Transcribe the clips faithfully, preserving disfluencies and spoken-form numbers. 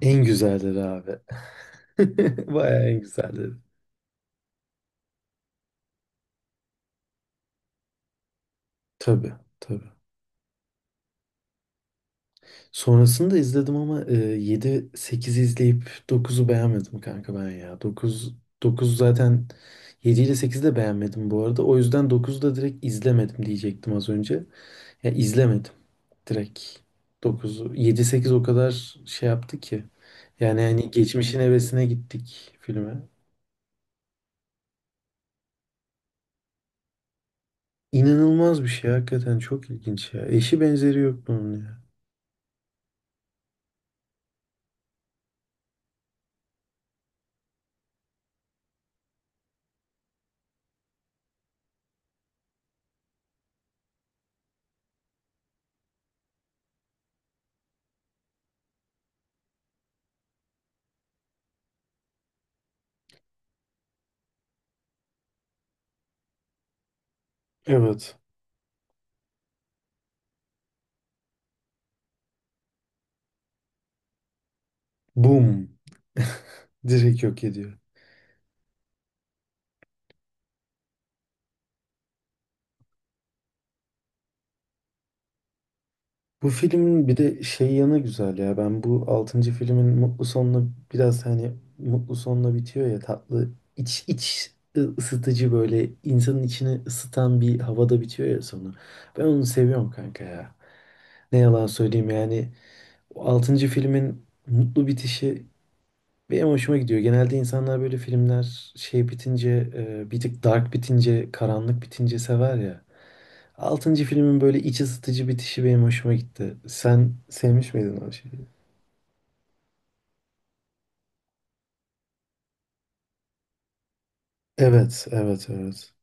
En güzelleri abi. Bayağı en güzelleri. Tabii tabii. Sonrasında izledim ama e, yedi sekizi izleyip dokuzu beğenmedim kanka ben ya. Dokuz 9 zaten yedi ile sekizi de beğenmedim bu arada. O yüzden dokuzu da direkt izlemedim diyecektim az önce. Ya izlemedim direkt dokuzu. Yedi sekiz o kadar şey yaptı ki. Yani hani geçmişin hevesine gittik filme. İnanılmaz bir şey hakikaten çok ilginç ya. Eşi benzeri yok bunun ya. Evet. Boom. Direkt yok ediyor. Bu filmin bir de şey yanı güzel ya. Ben bu altıncı filmin mutlu sonunu biraz hani mutlu sonla bitiyor ya tatlı iç iç ı- ısıtıcı böyle insanın içini ısıtan bir havada bitiyor ya sonu. Ben onu seviyorum kanka ya. Ne yalan söyleyeyim yani o altıncı filmin mutlu bitişi benim hoşuma gidiyor. Genelde insanlar böyle filmler şey bitince e, bir tık dark bitince karanlık bitince sever ya. Altıncı filmin böyle iç ısıtıcı bitişi benim hoşuma gitti. Sen sevmiş miydin o şeyi? Evet, evet, evet.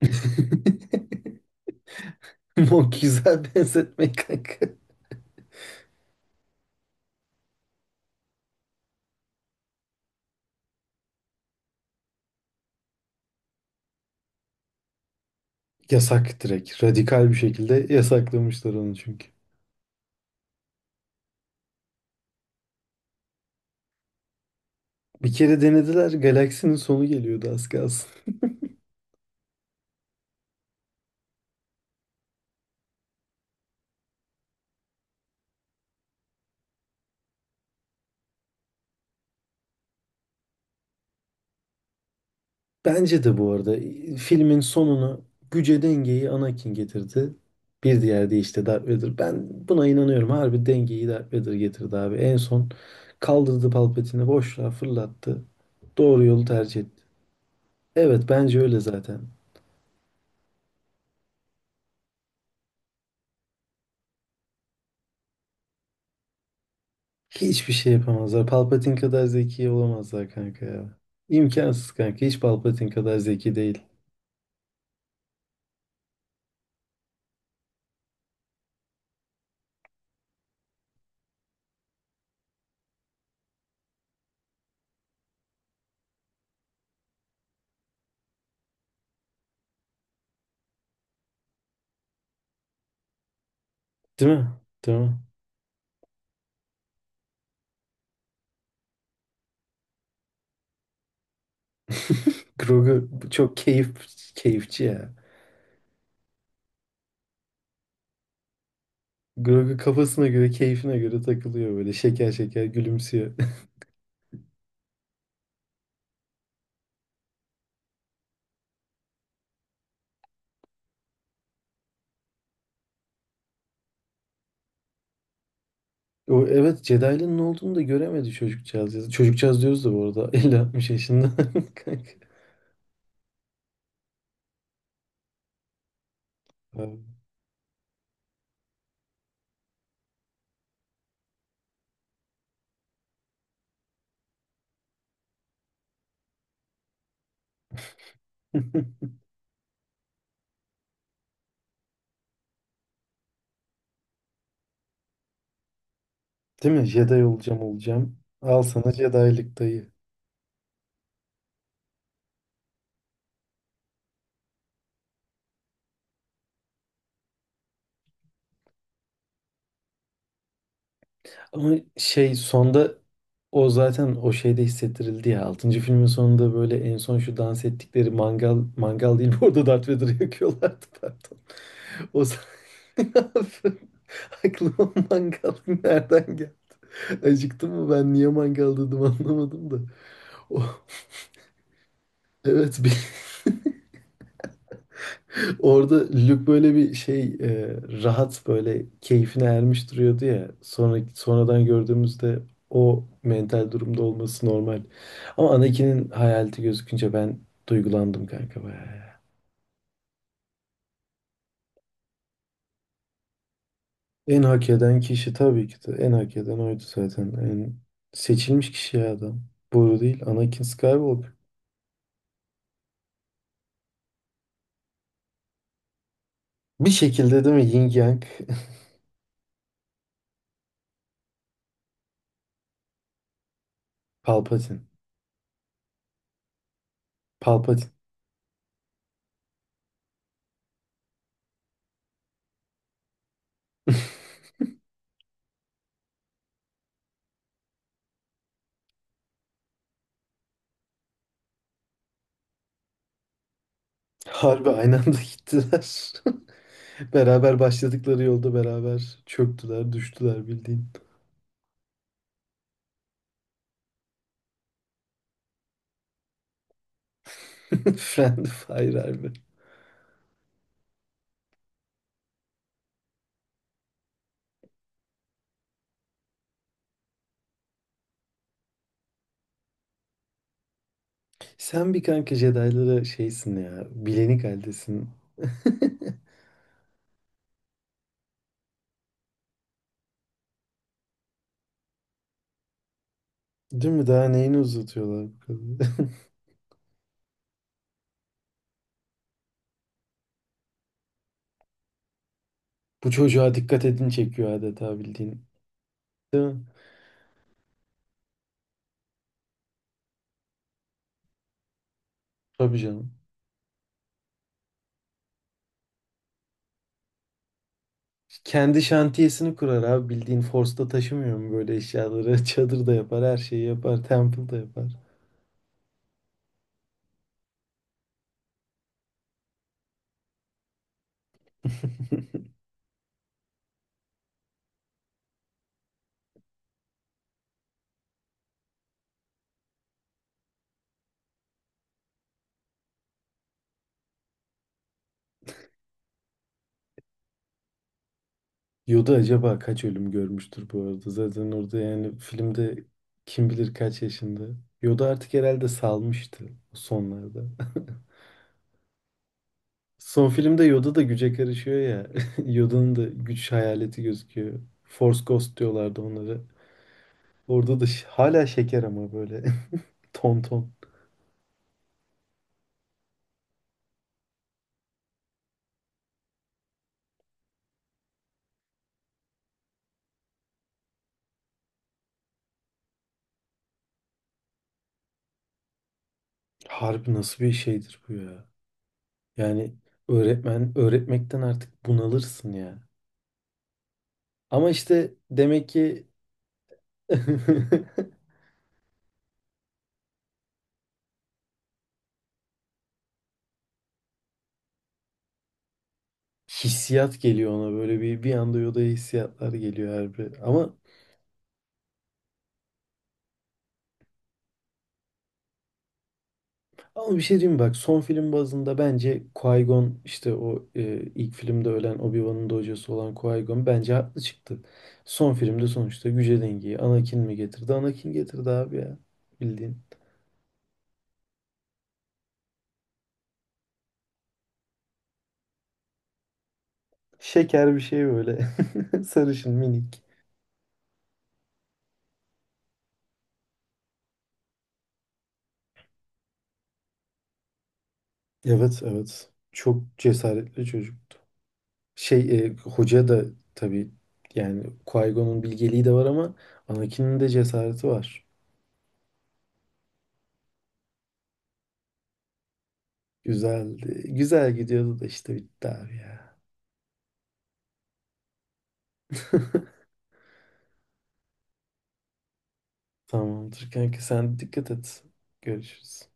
O güzel benzetme kanka. Yasak direkt. Radikal bir şekilde yasaklamışlar onu çünkü. Bir kere denediler, galaksinin sonu geliyordu az kalsın. Bence de bu arada filmin sonunu güce dengeyi Anakin getirdi. Bir diğer de işte Darth Vader. Ben buna inanıyorum. Harbi dengeyi Darth Vader getirdi abi. En son kaldırdı Palpatine'i boşluğa fırlattı. Doğru yolu tercih etti. Evet, bence öyle zaten. Hiçbir şey yapamazlar. Palpatine kadar zeki olamazlar kanka ya. İmkansız kanka. Hiç Palpatine kadar zeki değil. Değil mi? Değil mi? Grogu çok keyif keyifçi ya. Grogu kafasına göre, keyfine göre takılıyor böyle şeker şeker gülümsüyor. O evet, Jedi'nin ne olduğunu da göremedi çocukcağız ya. Çocukcağız diyoruz da bu arada elli altmış yaşında. Kanka. Abi. Değil mi? Jedi olacağım olacağım. Al sana Jedi'lik dayı. Ama şey sonda o zaten o şeyde hissettirildi ya. altıncı filmin sonunda böyle en son şu dans ettikleri mangal mangal değil bu arada, Darth Vader'ı yakıyorlardı, pardon. O sah- aklıma mangal nereden geldi? Acıktım mı ben, niye mangal dedim anlamadım da. O, evet, bir, orada Luke böyle bir şey e, rahat böyle keyfine ermiş duruyordu ya. Sonra sonradan gördüğümüzde o mental durumda olması normal. Ama Anakin'in hayaleti gözükünce ben duygulandım kanka bayağı ya. En hak eden kişi, tabii ki de en hak eden oydu zaten. En seçilmiş kişi ya adam. Boru değil Anakin Skywalker. Bir şekilde değil mi, Yin Yang. Palpatine. Palpatine. Harbi aynı anda gittiler. Beraber başladıkları yolda beraber çöktüler, düştüler bildiğin. Friend fire harbi. Sen bir kanka Jedi'lara şeysin ya. Bilenik haldesin. Değil mi? Daha neyini uzatıyorlar bu kadar? Bu çocuğa dikkat edin çekiyor adeta bildiğin. Değil mi? Tabii canım. Kendi şantiyesini kurar abi bildiğin, Force'da taşımıyor mu böyle eşyaları? Çadır da yapar, her şeyi yapar, temple da yapar. Yoda acaba kaç ölüm görmüştür bu arada? Zaten orada yani filmde kim bilir kaç yaşında. Yoda artık herhalde salmıştı o sonlarda. Son filmde Yoda da güce karışıyor ya. Yoda'nın da güç hayaleti gözüküyor. Force Ghost diyorlardı onlara. Orada da ş- hala şeker ama böyle ton ton. Harbi nasıl bir şeydir bu ya? Yani öğretmen öğretmekten artık bunalırsın ya. Ama işte demek ki hissiyat geliyor ona, böyle bir bir anda Yoda'ya hissiyatlar geliyor her bir. Ama ama bir şey diyeyim mi? Bak son film bazında bence Qui-Gon, işte o e, ilk filmde ölen Obi-Wan'ın da hocası olan Qui-Gon bence haklı çıktı. Son filmde sonuçta güce dengeyi Anakin mi getirdi? Anakin getirdi abi ya, bildiğin. Şeker bir şey böyle. Sarışın minik. Evet, evet. Çok cesaretli çocuk. Şey e, hoca da tabii, yani Qui-Gon'un bilgeliği de var ama Anakin'in de cesareti var. Güzeldi. Güzel gidiyordu da işte bitti abi ya. Tamamdır kanka, sen dikkat et. Görüşürüz.